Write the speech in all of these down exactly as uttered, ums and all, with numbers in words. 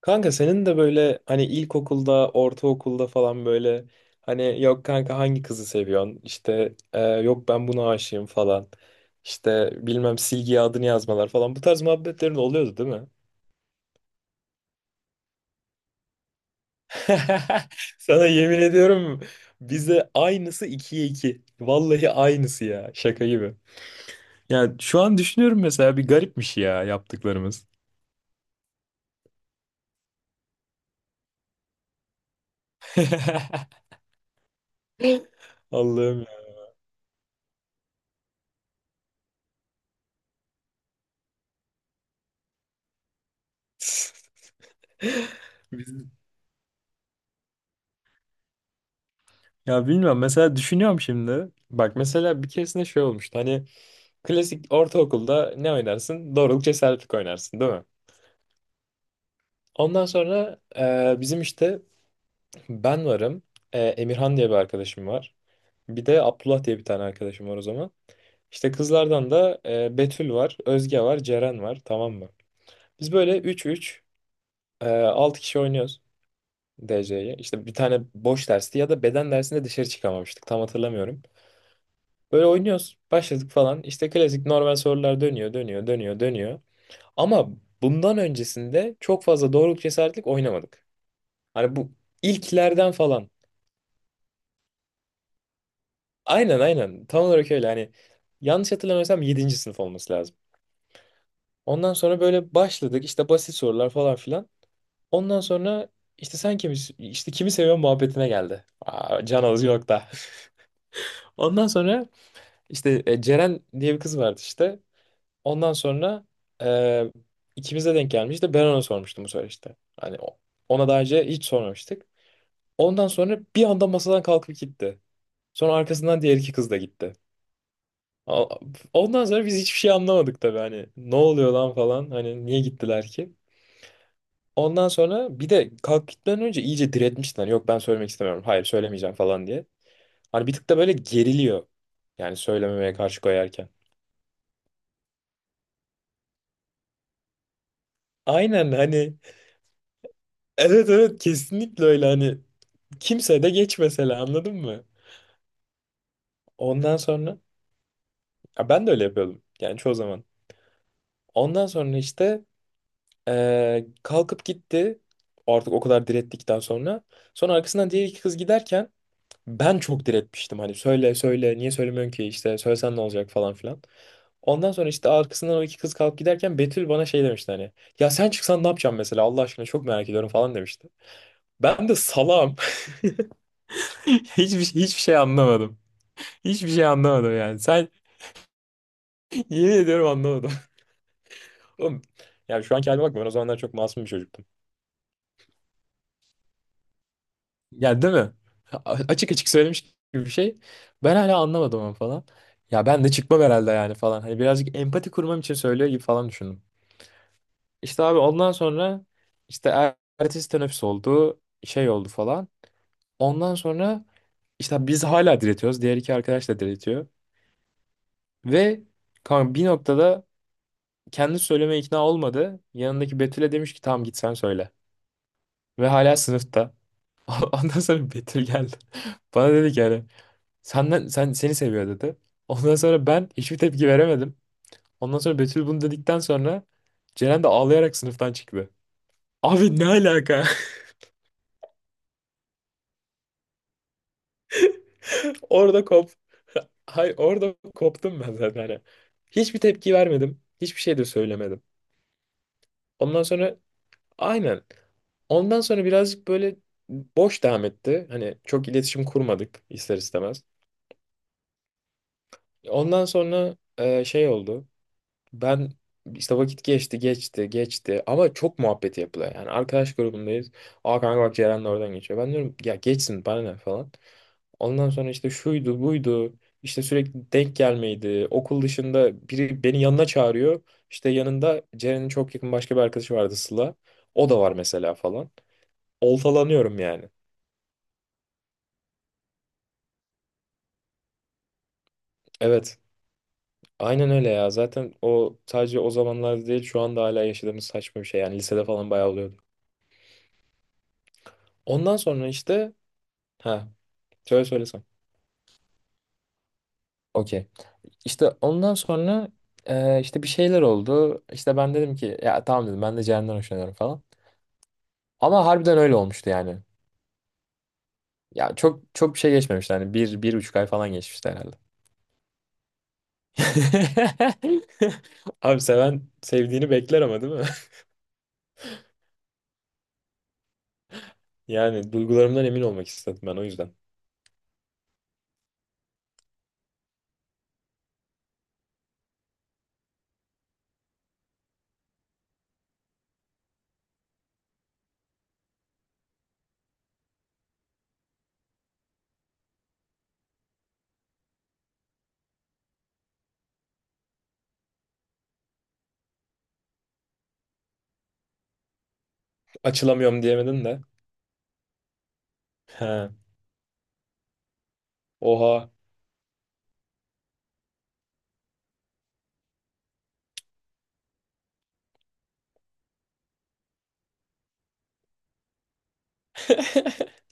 Kanka senin de böyle hani ilkokulda, ortaokulda falan böyle hani yok kanka hangi kızı seviyorsun? İşte e, yok ben buna aşığım falan. İşte bilmem silgiye adını yazmalar falan. Bu tarz muhabbetlerin oluyordu değil mi? Sana yemin ediyorum bize aynısı ikiye iki. Vallahi aynısı ya şaka gibi. Yani şu an düşünüyorum mesela bir garipmiş ya yaptıklarımız. Allah'ım ya. Biz, ya bilmiyorum mesela düşünüyorum şimdi. Bak mesela bir keresinde şey olmuştu. Hani klasik ortaokulda ne oynarsın? Doğruluk cesaretlik oynarsın değil mi? Ondan sonra e, bizim işte ben varım. e, Emirhan diye bir arkadaşım var. Bir de Abdullah diye bir tane arkadaşım var o zaman. İşte kızlardan da e, Betül var, Özge var, Ceren var, tamam mı? Biz böyle üç üç e, altı kişi oynuyoruz D C'yi. İşte bir tane boş dersti ya da beden dersinde dışarı çıkamamıştık, tam hatırlamıyorum. Böyle oynuyoruz. Başladık falan. İşte klasik normal sorular dönüyor, dönüyor, dönüyor, dönüyor. Ama bundan öncesinde çok fazla doğruluk cesaretlik oynamadık. Hani bu ilklerden falan. Aynen aynen. Tam olarak öyle. Hani yanlış hatırlamıyorsam yedinci sınıf olması lazım. Ondan sonra böyle başladık. İşte basit sorular falan filan. Ondan sonra işte sen kimi, işte kimi seviyorsun muhabbetine geldi. Aa, can alıcı nokta. Ondan sonra işte e, Ceren diye bir kız vardı işte. Ondan sonra eee ikimize denk gelmişti. Ben ona sormuştum bu sefer işte. Hani o- ona daha önce hiç sormamıştık. Ondan sonra bir anda masadan kalkıp gitti. Sonra arkasından diğer iki kız da gitti. A- Ondan sonra biz hiçbir şey anlamadık tabii, hani ne oluyor lan falan, hani niye gittiler ki? Ondan sonra bir de kalk gitmeden önce iyice diretmişti, hani yok ben söylemek istemiyorum, hayır söylemeyeceğim falan diye. Hani bir tık da böyle geriliyor yani söylememeye karşı koyarken. Aynen hani evet evet, kesinlikle öyle. Hani kimse de geç mesela, anladın mı? Ondan sonra ya ben de öyle yapıyordum yani çoğu zaman. Ondan sonra işte eee, kalkıp gitti. Artık o kadar direttikten sonra. Sonra arkasından diğer iki kız giderken ben çok diretmiştim. Hani söyle söyle, niye söylemiyorsun ki, işte söylesen ne olacak falan filan. Ondan sonra işte arkasından o iki kız kalkıp giderken Betül bana şey demişti hani. Ya sen çıksan ne yapacağım mesela, Allah aşkına çok merak ediyorum falan demişti. Ben de salam. Hiçbir, hiçbir şey anlamadım. Hiçbir şey anlamadım yani. Sen yemin ediyorum anlamadım. Oğlum, ya şu anki halime bakma, ben o zamanlar çok masum bir çocuktum. Yani değil mi? A- Açık açık söylemiş gibi bir şey. Ben hala anlamadım onu falan. Ya ben de çıkmam herhalde yani falan. Hani birazcık empati kurmam için söylüyor gibi falan düşündüm. İşte abi ondan sonra işte er- ertesi teneffüs oldu. Şey oldu falan. Ondan sonra işte biz hala diretiyoruz. Diğer iki arkadaş da diretiyor. Ve kanka bir noktada kendi söylemeye ikna olmadı. Yanındaki Betül'e demiş ki tamam, git sen söyle. Ve hala sınıfta. Ondan sonra Betül geldi. Bana dedi ki yani senden, sen seni seviyor dedi. Ondan sonra ben hiçbir tepki veremedim. Ondan sonra Betül bunu dedikten sonra Ceren de ağlayarak sınıftan çıktı. Abi ne alaka? Orada kop. Hay orada koptum ben zaten. Hani hiçbir tepki vermedim. Hiçbir şey de söylemedim. Ondan sonra aynen. Ondan sonra birazcık böyle boş devam etti. Hani çok iletişim kurmadık ister istemez. Ondan sonra e, şey oldu. Ben işte vakit geçti geçti geçti ama çok muhabbeti yapılıyor. Yani arkadaş grubundayız. Aa kanka bak, Ceren de oradan geçiyor. Ben diyorum ya, geçsin bana ne falan. Ondan sonra işte şuydu buydu. İşte sürekli denk gelmeydi. Okul dışında biri beni yanına çağırıyor. İşte yanında Ceren'in çok yakın başka bir arkadaşı vardı, Sıla. O da var mesela falan. Oltalanıyorum yani. Evet. Aynen öyle ya. Zaten o sadece o zamanlar değil, şu anda hala yaşadığımız saçma bir şey. Yani lisede falan bayağı oluyordu. Ondan sonra işte ha. Söyle söyle sen. Okey. İşte ondan sonra e, işte bir şeyler oldu. İşte ben dedim ki, ya tamam dedim, ben de Ceren'den hoşlanıyorum falan. Ama harbiden öyle olmuştu yani. Ya çok çok bir şey geçmemişti, hani bir, bir buçuk ay falan geçmişti herhalde. Abi seven sevdiğini bekler ama, değil mi? Yani duygularımdan emin olmak istedim ben o yüzden. Açılamıyorum diyemedin de. He. Oha.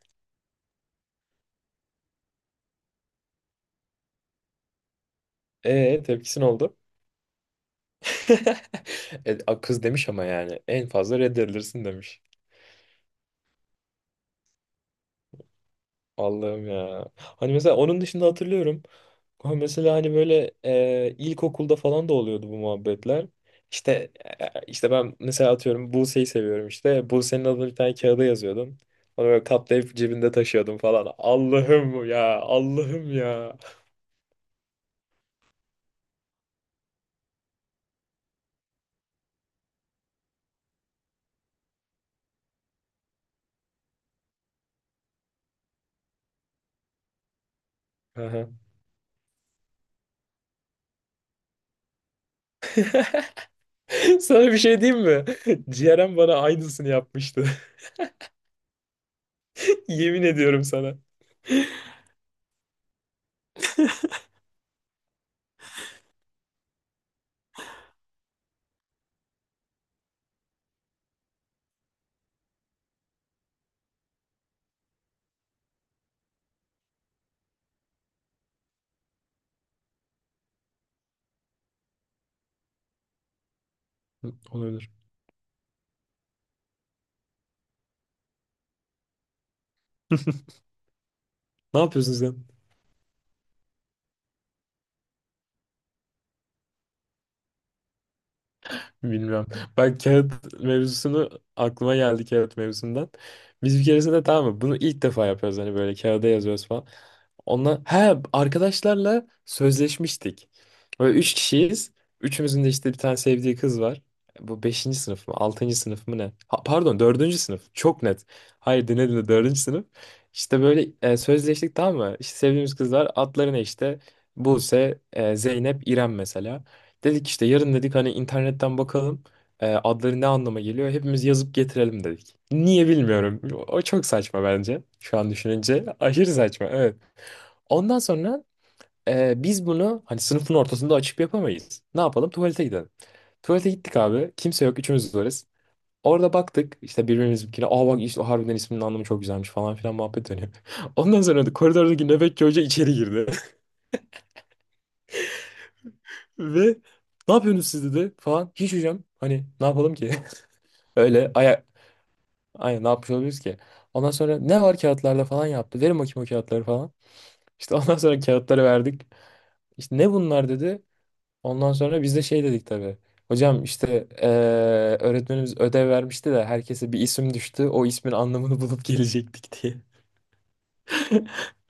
E tepkisin oldu. E, a- kız demiş ama yani en fazla reddedilirsin demiş. Allah'ım ya. Hani mesela onun dışında hatırlıyorum. Ha, mesela hani böyle e, ilkokulda falan da oluyordu bu muhabbetler. İşte e, işte ben mesela atıyorum Buse'yi seviyorum işte. Buse'nin adını bir tane kağıda yazıyordum. Onu böyle katlayıp cebinde taşıyordum falan. Allah'ım ya, Allah'ım ya. Aha. Sana bir şey diyeyim mi? Ciğerem bana aynısını yapmıştı. Yemin ediyorum sana. Hı, olabilir. Ne yapıyorsun sen? Bilmiyorum. Ben kağıt mevzusunu aklıma geldi kağıt mevzusundan. Biz bir keresinde, tamam mı? Bunu ilk defa yapıyoruz, hani böyle kağıda yazıyoruz falan. Onunla he arkadaşlarla sözleşmiştik. Böyle üç kişiyiz. Üçümüzün de işte bir tane sevdiği kız var. Bu beşinci sınıf mı? Altıncı sınıf mı ne? Ha, pardon, dördüncü sınıf. Çok net. Hayır dinle dinle, dördüncü sınıf. İşte böyle e, sözleştik, tamam mı? İşte sevdiğimiz kızlar, adları ne işte? Buse, e, Zeynep, İrem mesela. Dedik işte yarın dedik hani, internetten bakalım. E, adları ne anlama geliyor? Hepimiz yazıp getirelim dedik. Niye bilmiyorum. O çok saçma bence. Şu an düşününce aşırı saçma. Evet. Ondan sonra e, biz bunu hani sınıfın ortasında açıp yapamayız. Ne yapalım? Tuvalete gidelim. Tuvalete gittik abi. Kimse yok. Üçümüz varız. Orada baktık işte birbirimizinkine. Aa bak işte harbiden isminin anlamı çok güzelmiş falan filan muhabbet dönüyor. Ondan sonra da koridordaki nöbetçi hoca içeri girdi. Ve ne yapıyorsunuz siz dedi falan. Hiç hocam, hani ne yapalım ki? Öyle aya aynen, ne yapmış olabiliriz ki? Ondan sonra ne var kağıtlarda falan yaptı. Verin bakayım o kağıtları falan. İşte ondan sonra kağıtları verdik. İşte ne bunlar dedi. Ondan sonra biz de şey dedik tabii. Hocam işte eee, öğretmenimiz ödev vermişti de herkese bir isim düştü. O ismin anlamını bulup gelecektik diye.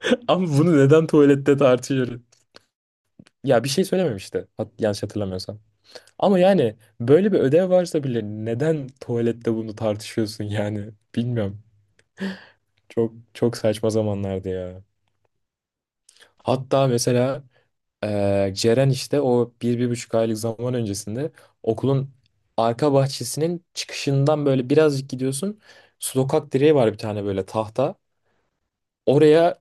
Ama bunu neden tuvalette tartışıyoruz? Ya bir şey söylememişti. Hat yanlış hatırlamıyorsam. Ama yani böyle bir ödev varsa bile neden tuvalette bunu tartışıyorsun yani? Bilmiyorum. Çok çok saçma zamanlardı ya. Hatta mesela Ee, Ceren işte o bir, bir buçuk aylık zaman öncesinde okulun arka bahçesinin çıkışından böyle birazcık gidiyorsun. Sokak direği var bir tane, böyle tahta. Oraya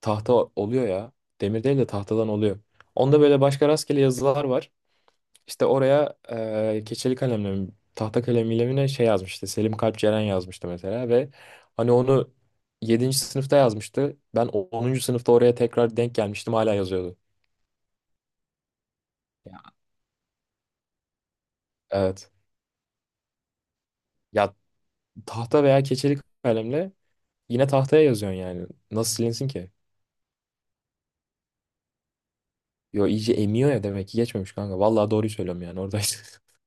tahta oluyor ya. Demir değil de tahtadan oluyor. Onda böyle başka rastgele yazılar var. İşte oraya e, keçeli kalemle mi, tahta kalemiyle mi ne şey yazmıştı. Selim Kalp Ceren yazmıştı mesela ve hani onu yedinci sınıfta yazmıştı. Ben onuncu sınıfta oraya tekrar denk gelmiştim, hala yazıyordu. Evet. Ya tahta veya keçeli kalemle yine tahtaya yazıyorsun yani. Nasıl silinsin ki? Yo iyice emiyor ya, demek ki geçmemiş kanka. Vallahi doğruyu söylüyorum, yani oradaydı.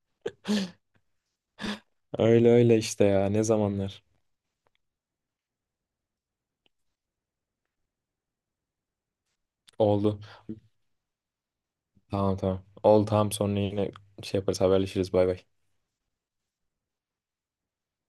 Öyle öyle işte ya, ne zamanlar. Oldu. Tamam tamam. Oldu tamam, sonra yine şey yaparız, haberleşiriz, bay bay.